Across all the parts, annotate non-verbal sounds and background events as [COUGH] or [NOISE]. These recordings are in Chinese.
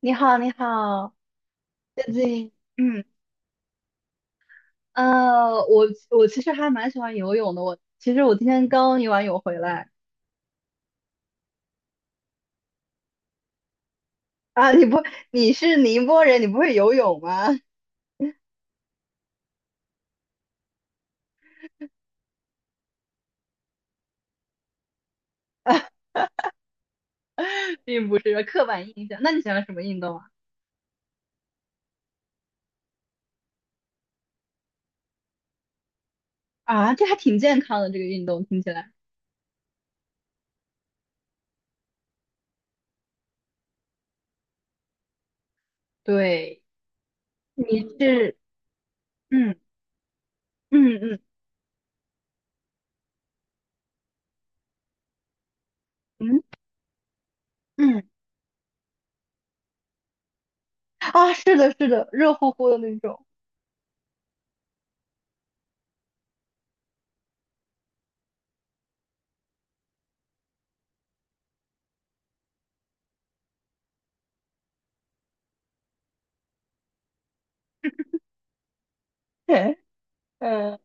你好，你好，最近，嗯，我其实还蛮喜欢游泳的。我其实我今天刚游完泳回来啊。你不，你是宁波人，你不会游泳吗？[LAUGHS] 并不是刻板印象。那你喜欢什么运动啊？啊，这还挺健康的，这个运动听起来。对，你是，嗯嗯嗯嗯嗯，啊，是的，是的，热乎乎的那种。[LAUGHS] 对，嗯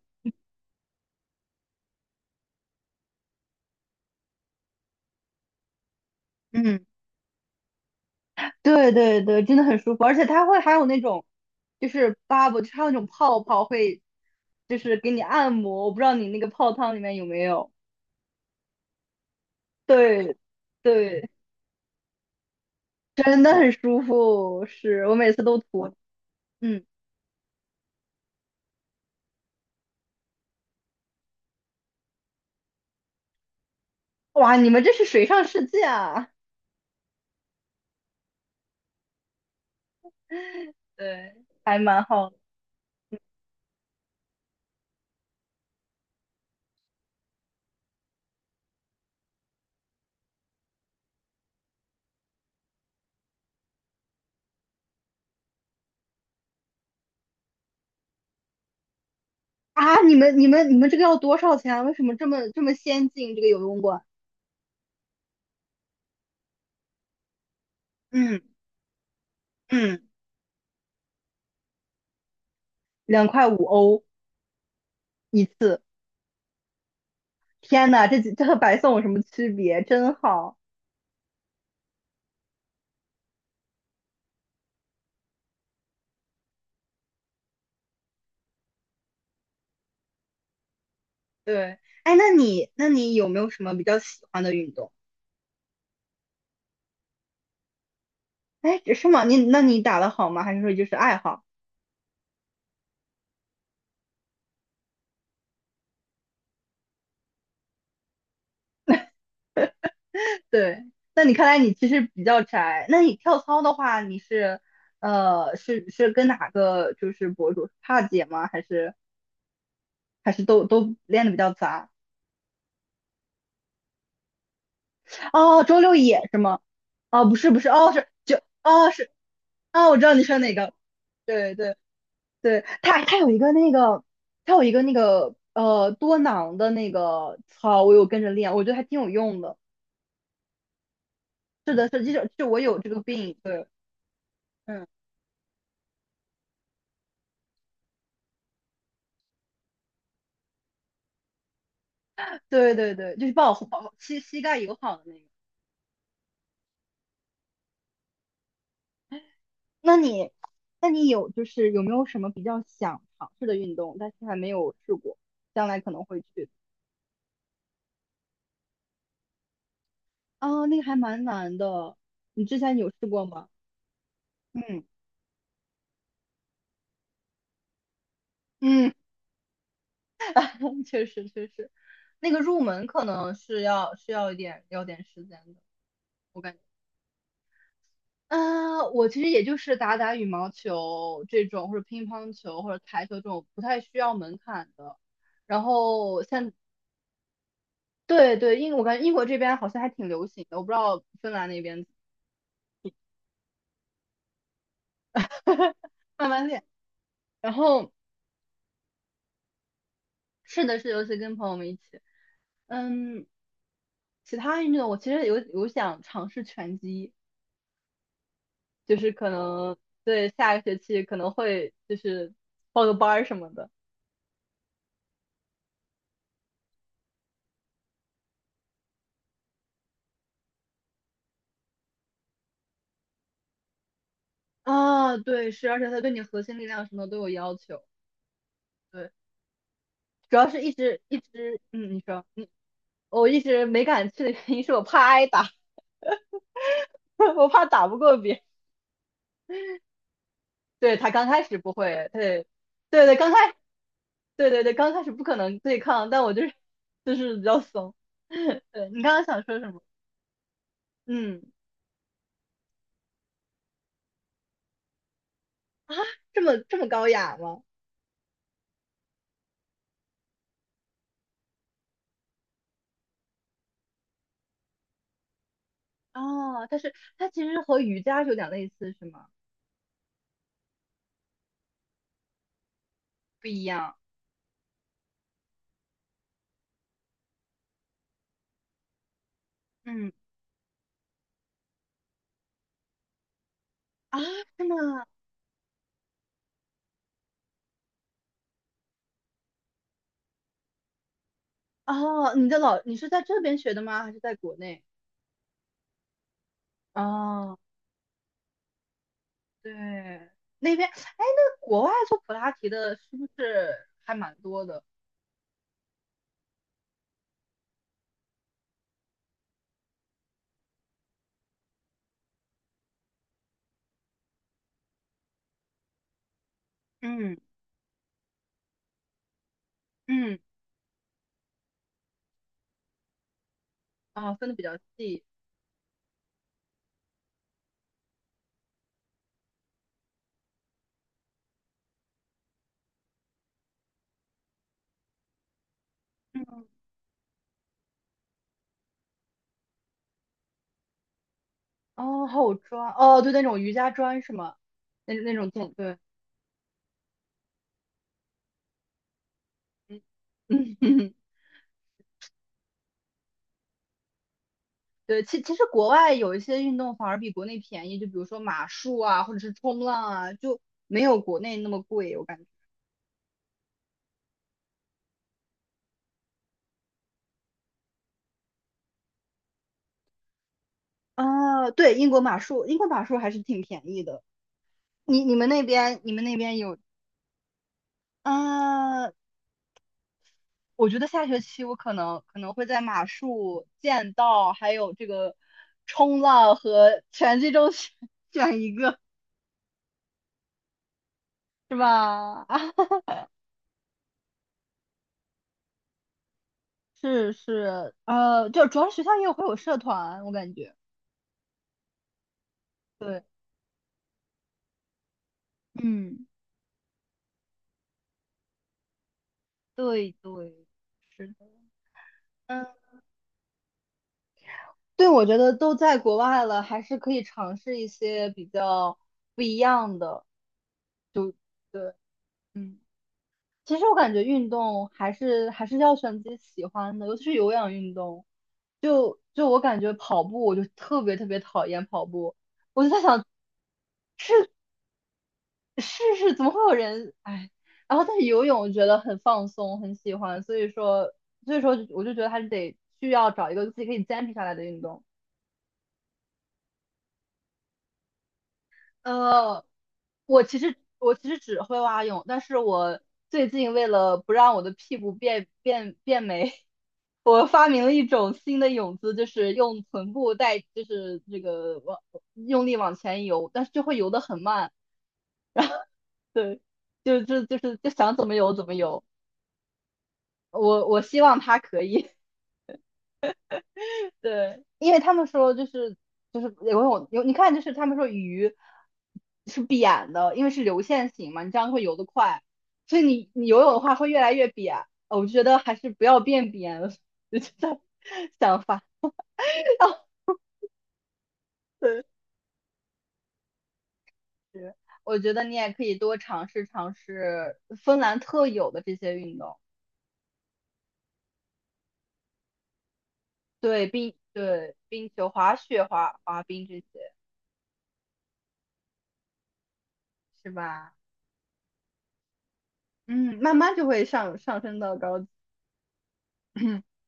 对对对，真的很舒服，而且它会还有那种就是 bubble，就是它有那种泡泡会就是给你按摩，我不知道你那个泡汤里面有没有。对对，真的很舒服，是我每次都涂。嗯，哇，你们这是水上世界啊！对，还蛮好的啊。你们这个要多少钱啊？为什么这么先进？这个游泳馆？嗯嗯，两块五欧一次。天呐，这和白送有什么区别？真好。对，哎，那你有没有什么比较喜欢的运动？哎，是吗？那你打的好吗？还是说就是爱好？对，那你看来你其实比较宅。那你跳操的话，你是是跟哪个就是博主？帕姐吗？还是都练的比较杂？哦，周六野是吗？哦，不是不是，哦是就哦是哦，我知道你说哪个。对对。对，它有一个那个多囊的那个操，我有跟着练，我觉得还挺有用的。是的，是，就我有这个病，对，嗯，对对对，就是帮我膝盖友好的那个。那你，那你有就是有没有什么比较想尝试的运动，但是还没有试过，将来可能会去？啊，那个还蛮难的，你之前有试过吗？嗯嗯，[LAUGHS] 确实确实，那个入门可能是需要一点时间的。我感觉，啊，我其实也就是打打羽毛球这种，或者乒乓球或者台球这种不太需要门槛的。然后像对对，我感觉英国这边好像还挺流行的，我不知道芬兰那边 [LAUGHS] 慢慢练。然后是的是，尤其跟朋友们一起，嗯，其他运动我其实有想尝试拳击，就是可能对下个学期可能会就是报个班儿什么的。啊，对，是，而且他对你核心力量什么都有要求。对，主要是一直，你说，我一直没敢去的原因是我怕挨打，[LAUGHS] 我怕打不过别人对，他刚开始不会，对，对对，对对对，刚开始不可能对抗，但我就是比较怂。[LAUGHS] 对，你刚刚想说什么？嗯，啊，这么高雅吗？哦，但是它其实和瑜伽是有点类似，是吗？不一样。嗯，啊，真的。哦，你的老，你是在这边学的吗？还是在国内？哦，对，哎，那国外做普拉提的是不是还蛮多的？嗯嗯，啊、分的比较细。嗯，哦，还有砖，哦，对，那种瑜伽砖是吗？那种垫，对，嗯嗯嗯，[LAUGHS] 对，其实国外有一些运动反而比国内便宜，就比如说马术啊，或者是冲浪啊，就没有国内那么贵，我感觉。啊，对，英国马术，英国马术还是挺便宜的。你们那边有，啊？我觉得下学期我可能会在马术、剑道还有这个冲浪和拳击中选 [LAUGHS] 选一个，是吧？[LAUGHS] 啊，是是，就主要是学校也会有社团，我感觉，对，嗯，对对，是的，嗯，对，我觉得都在国外了，还是可以尝试一些比较不一样的，就对，嗯。其实我感觉运动还是要选自己喜欢的，尤其是有氧运动。就我感觉跑步，我就特别特别讨厌跑步，我就在想试试怎么会有人哎。然后但是游泳我觉得很放松，很喜欢，所以说我就觉得还是得需要找一个自己可以坚持下来的运动。呃，我其实只会蛙泳，但是我最近为了不让我的屁股变没，我发明了一种新的泳姿，就是用臀部带，就是这个用力往前游，但是就会游得很慢。对，就想怎么游怎么游。我希望他可以，[LAUGHS] 对，因为他们说就是游泳，你看就是他们说鱼是扁的，因为是流线型嘛，你这样会游得快，所以你游泳的话会越来越扁。我觉得还是不要变扁了，[LAUGHS] 我就在想法。[LAUGHS] 对。我觉得你也可以多尝试尝试芬兰特有的这些运动，对冰球、滑雪、滑冰这些，是吧？嗯，慢慢就会上升到高级，[LAUGHS]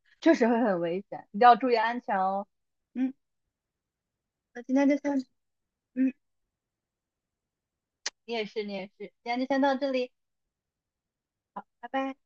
[CLEARS THROAT] 确实会很危险，一定要注意安全哦。嗯，那今天就先，嗯，你也是，你也是，今天就先到这里，拜拜。